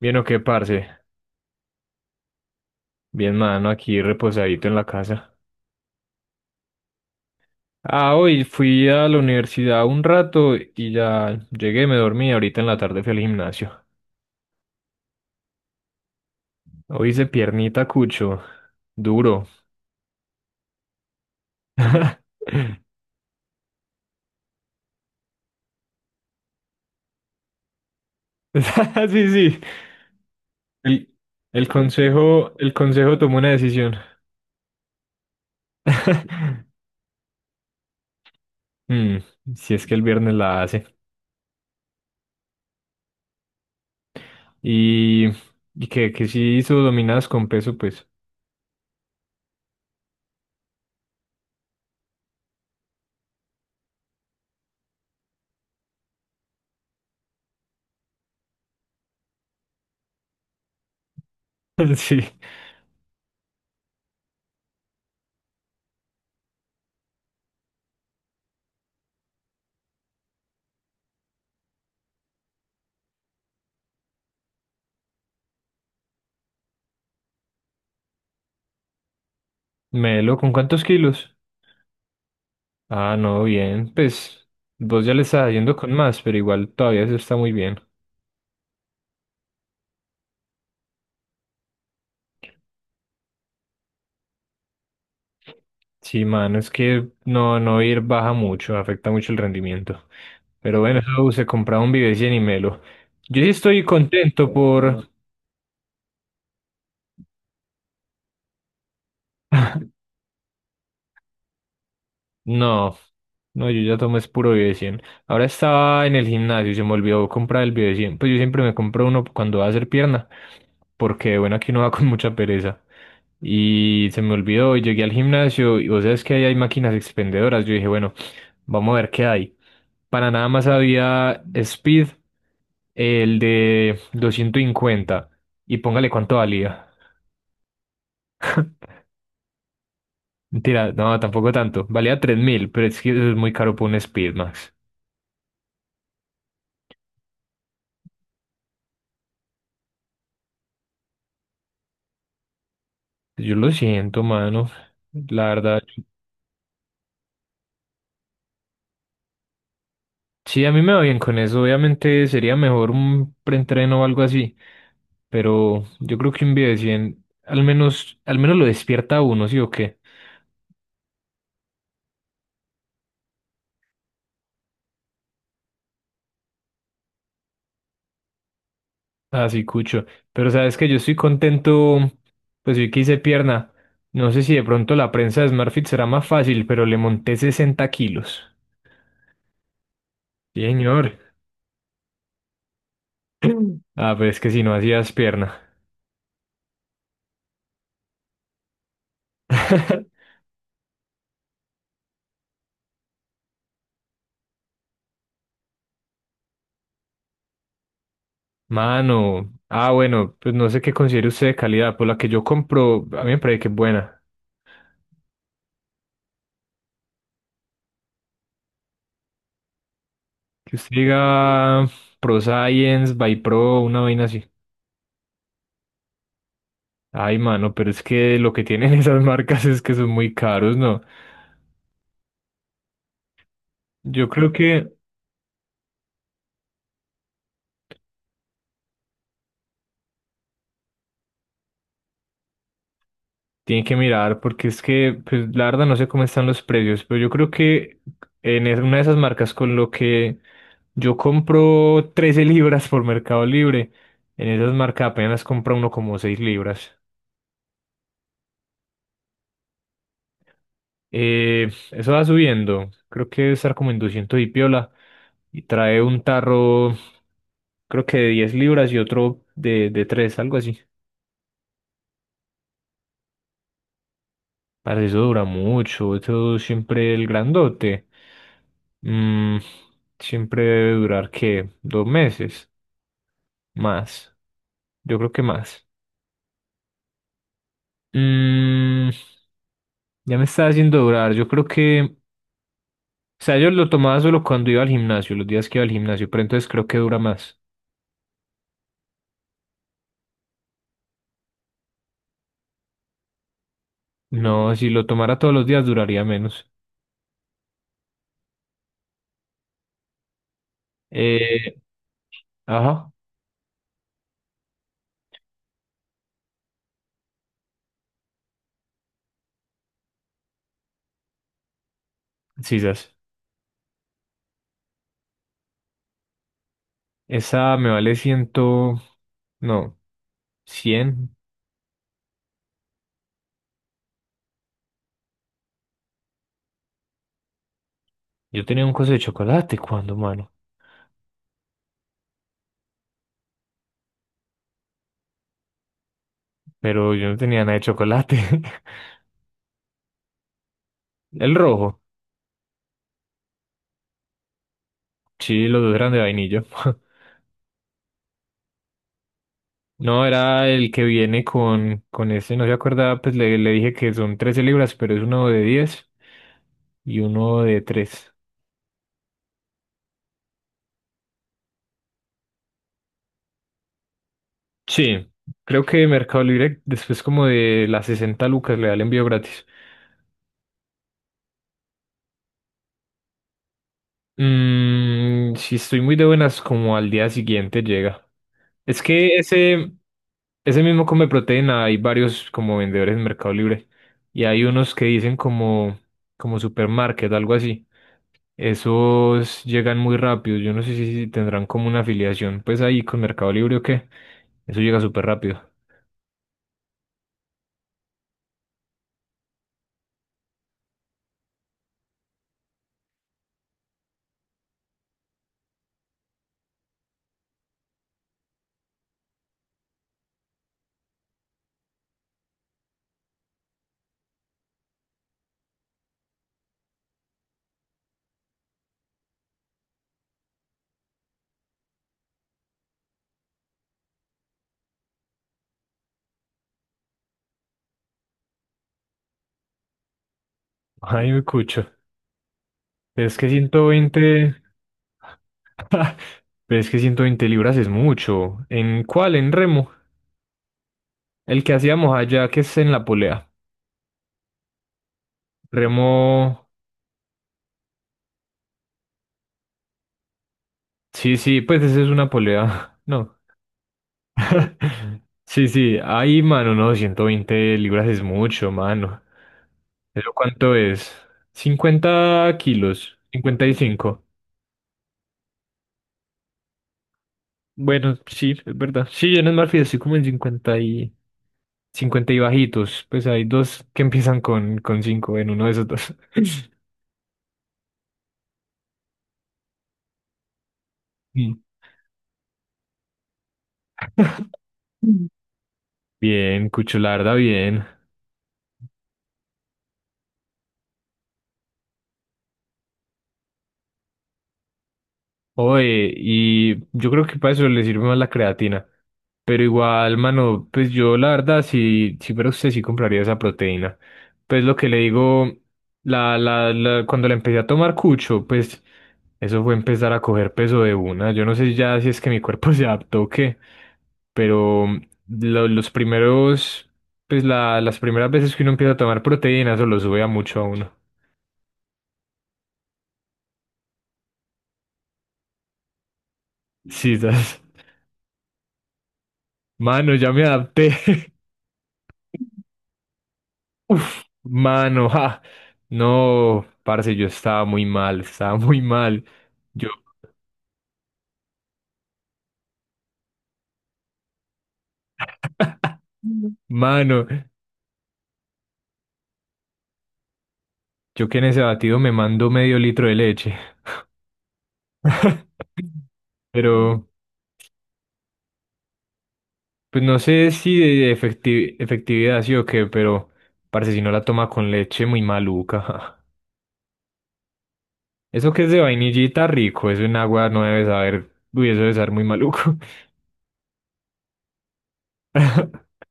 Bien o qué, parce. Bien, mano, aquí reposadito en la casa. Ah, hoy fui a la universidad un rato y ya llegué, me dormí. Ahorita en la tarde fui al gimnasio. Hoy hice piernita cucho. Duro. Sí, sí. El, el consejo tomó una decisión. Mm, si es que el viernes la hace. Y, y que si hizo dominadas con peso, pues. Sí. Melo, ¿con cuántos kilos? Ah, no, bien. Pues vos ya le estás yendo con más, pero igual todavía eso está muy bien. Sí, mano, es que no, no ir baja mucho, afecta mucho el rendimiento. Pero bueno, eso se compraba un Vives y Melo. Yo sí estoy contento por. No, no, yo ya tomé es puro Bio de 100. Ahora estaba en el gimnasio y se me olvidó comprar el Bio de 100. Pues yo siempre me compro uno cuando va a hacer pierna, porque bueno, aquí uno va con mucha pereza. Y se me olvidó y llegué al gimnasio y vos sabes que ahí hay máquinas expendedoras. Yo dije, bueno, vamos a ver qué hay. Para nada más había Speed, el de 250. Y póngale cuánto valía. Mentira, no, tampoco tanto. Valía 3.000, pero es que eso es muy caro por un Speed. Yo lo siento, mano. La verdad, sí, a mí me va bien con eso. Obviamente sería mejor un preentreno o algo así. Pero yo creo que un video de 100, al menos lo despierta a uno, ¿sí o qué? Así, cucho. Pero sabes que yo estoy contento, pues vi que hice pierna. No sé si de pronto la prensa de SmartFit será más fácil, pero le monté 60 kilos. Sí, señor. Ah, pues es que si no hacías pierna. Mano, ah, bueno, pues no sé qué considere usted de calidad, pues la que yo compro, a mí me parece que es buena. Que usted diga Pro Science, By Pro, una vaina así. Ay, mano, pero es que lo que tienen esas marcas es que son muy caros, ¿no? Yo creo que tienen que mirar, porque es que, pues la verdad no sé cómo están los precios, pero yo creo que una de esas marcas con lo que yo compro 13 libras por Mercado Libre, en esas marcas apenas compra uno como 6 libras. Eso va subiendo. Creo que debe estar como en 200 y piola. Y trae un tarro, creo que de 10 libras y otro de, 3, algo así. Para eso dura mucho. Eso siempre el grandote. Mm, siempre debe durar, ¿qué? 2 meses. Más. Yo creo que más. Mm, ya me está haciendo durar. Yo creo que. O sea, yo lo tomaba solo cuando iba al gimnasio, los días que iba al gimnasio, pero entonces creo que dura más. No, si lo tomara todos los días duraría menos. Eh, ajá, sisas. Esa me vale ciento, no, 100. Yo tenía un coso de chocolate cuando, mano, pero yo no tenía nada de chocolate. El rojo, sí, los dos eran de vainillo. No, era el que viene con, ese, no se acordaba, pues le dije que son 13 libras, pero es uno de 10 y uno de tres. Sí, creo que Mercado Libre después como de las 60 lucas le da el envío gratis. Si estoy muy de buenas, como al día siguiente llega. Es que ese, mismo come proteína, hay varios como vendedores en Mercado Libre. Y hay unos que dicen como, supermarket, algo así. Esos llegan muy rápido. Yo no sé si tendrán como una afiliación, pues ahí con Mercado Libre o qué. Eso llega súper rápido. Ay, me cucho. Pero es que ciento veinte pero es que 120 libras es mucho. ¿En cuál? En remo. El que hacíamos allá, que es en la polea. Remo. Sí, sí, pues esa es una polea. No. Sí, sí. Ay, mano, no, 120 libras es mucho, mano. ¿Eso cuánto es? 50 kilos. 55. Bueno, sí, es verdad. Sí, yo en el Marfil estoy como en 50 y 50 y bajitos. Pues hay dos que empiezan con, 5 en uno de esos dos. Mm. Bien, Cucho, la verdad, bien. Oye, y yo creo que para eso le sirve más la creatina. Pero igual, mano, pues yo la verdad, si fuera usted, sí compraría esa proteína. Pues lo que le digo, cuando la empecé a tomar cucho, pues eso fue empezar a coger peso de una. Yo no sé ya si es que mi cuerpo se adaptó o qué, pero los primeros, pues las primeras veces que uno empieza a tomar proteína, eso lo sube a mucho a uno. Sí, ¿sabes? Mano, ya me adapté. Uf, mano, ja. No, parce, yo estaba muy mal, estaba muy mal. Yo, Mm. mano, yo que en ese batido me mando medio litro de leche. Pero, pues no sé si efectividad sí o qué, pero parce, si no la toma con leche, muy maluca. Ja. Eso que es de vainillita rico, eso en agua no debe saber, uy, eso debe saber muy maluco.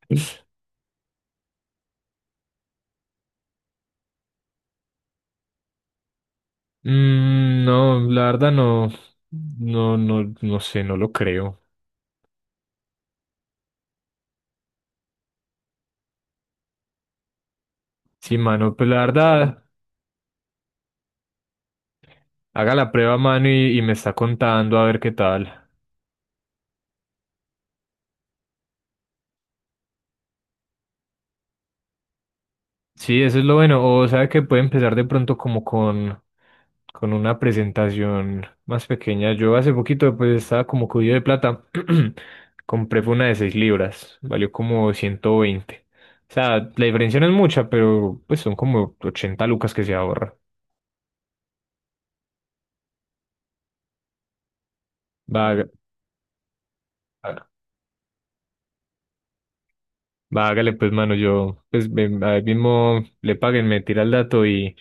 Mm, no, la verdad no, no, no, no sé, no lo creo. Sí, mano, pues la verdad, haga la prueba, mano, y me está contando a ver qué tal. Sí, eso es lo bueno. O sabe que puede empezar de pronto como con, una presentación más pequeña. Yo hace poquito pues estaba como cubierto de plata. Compré fue una de 6 libras. Valió como 120. O sea, la diferencia no es mucha, pero pues son como 80 lucas que se ahorra. Va, va Vágale, pues, mano, yo, pues, ahí mismo le paguen, me tira el dato y,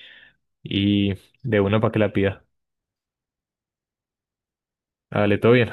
y de una para que la pida. Hágale, todo bien.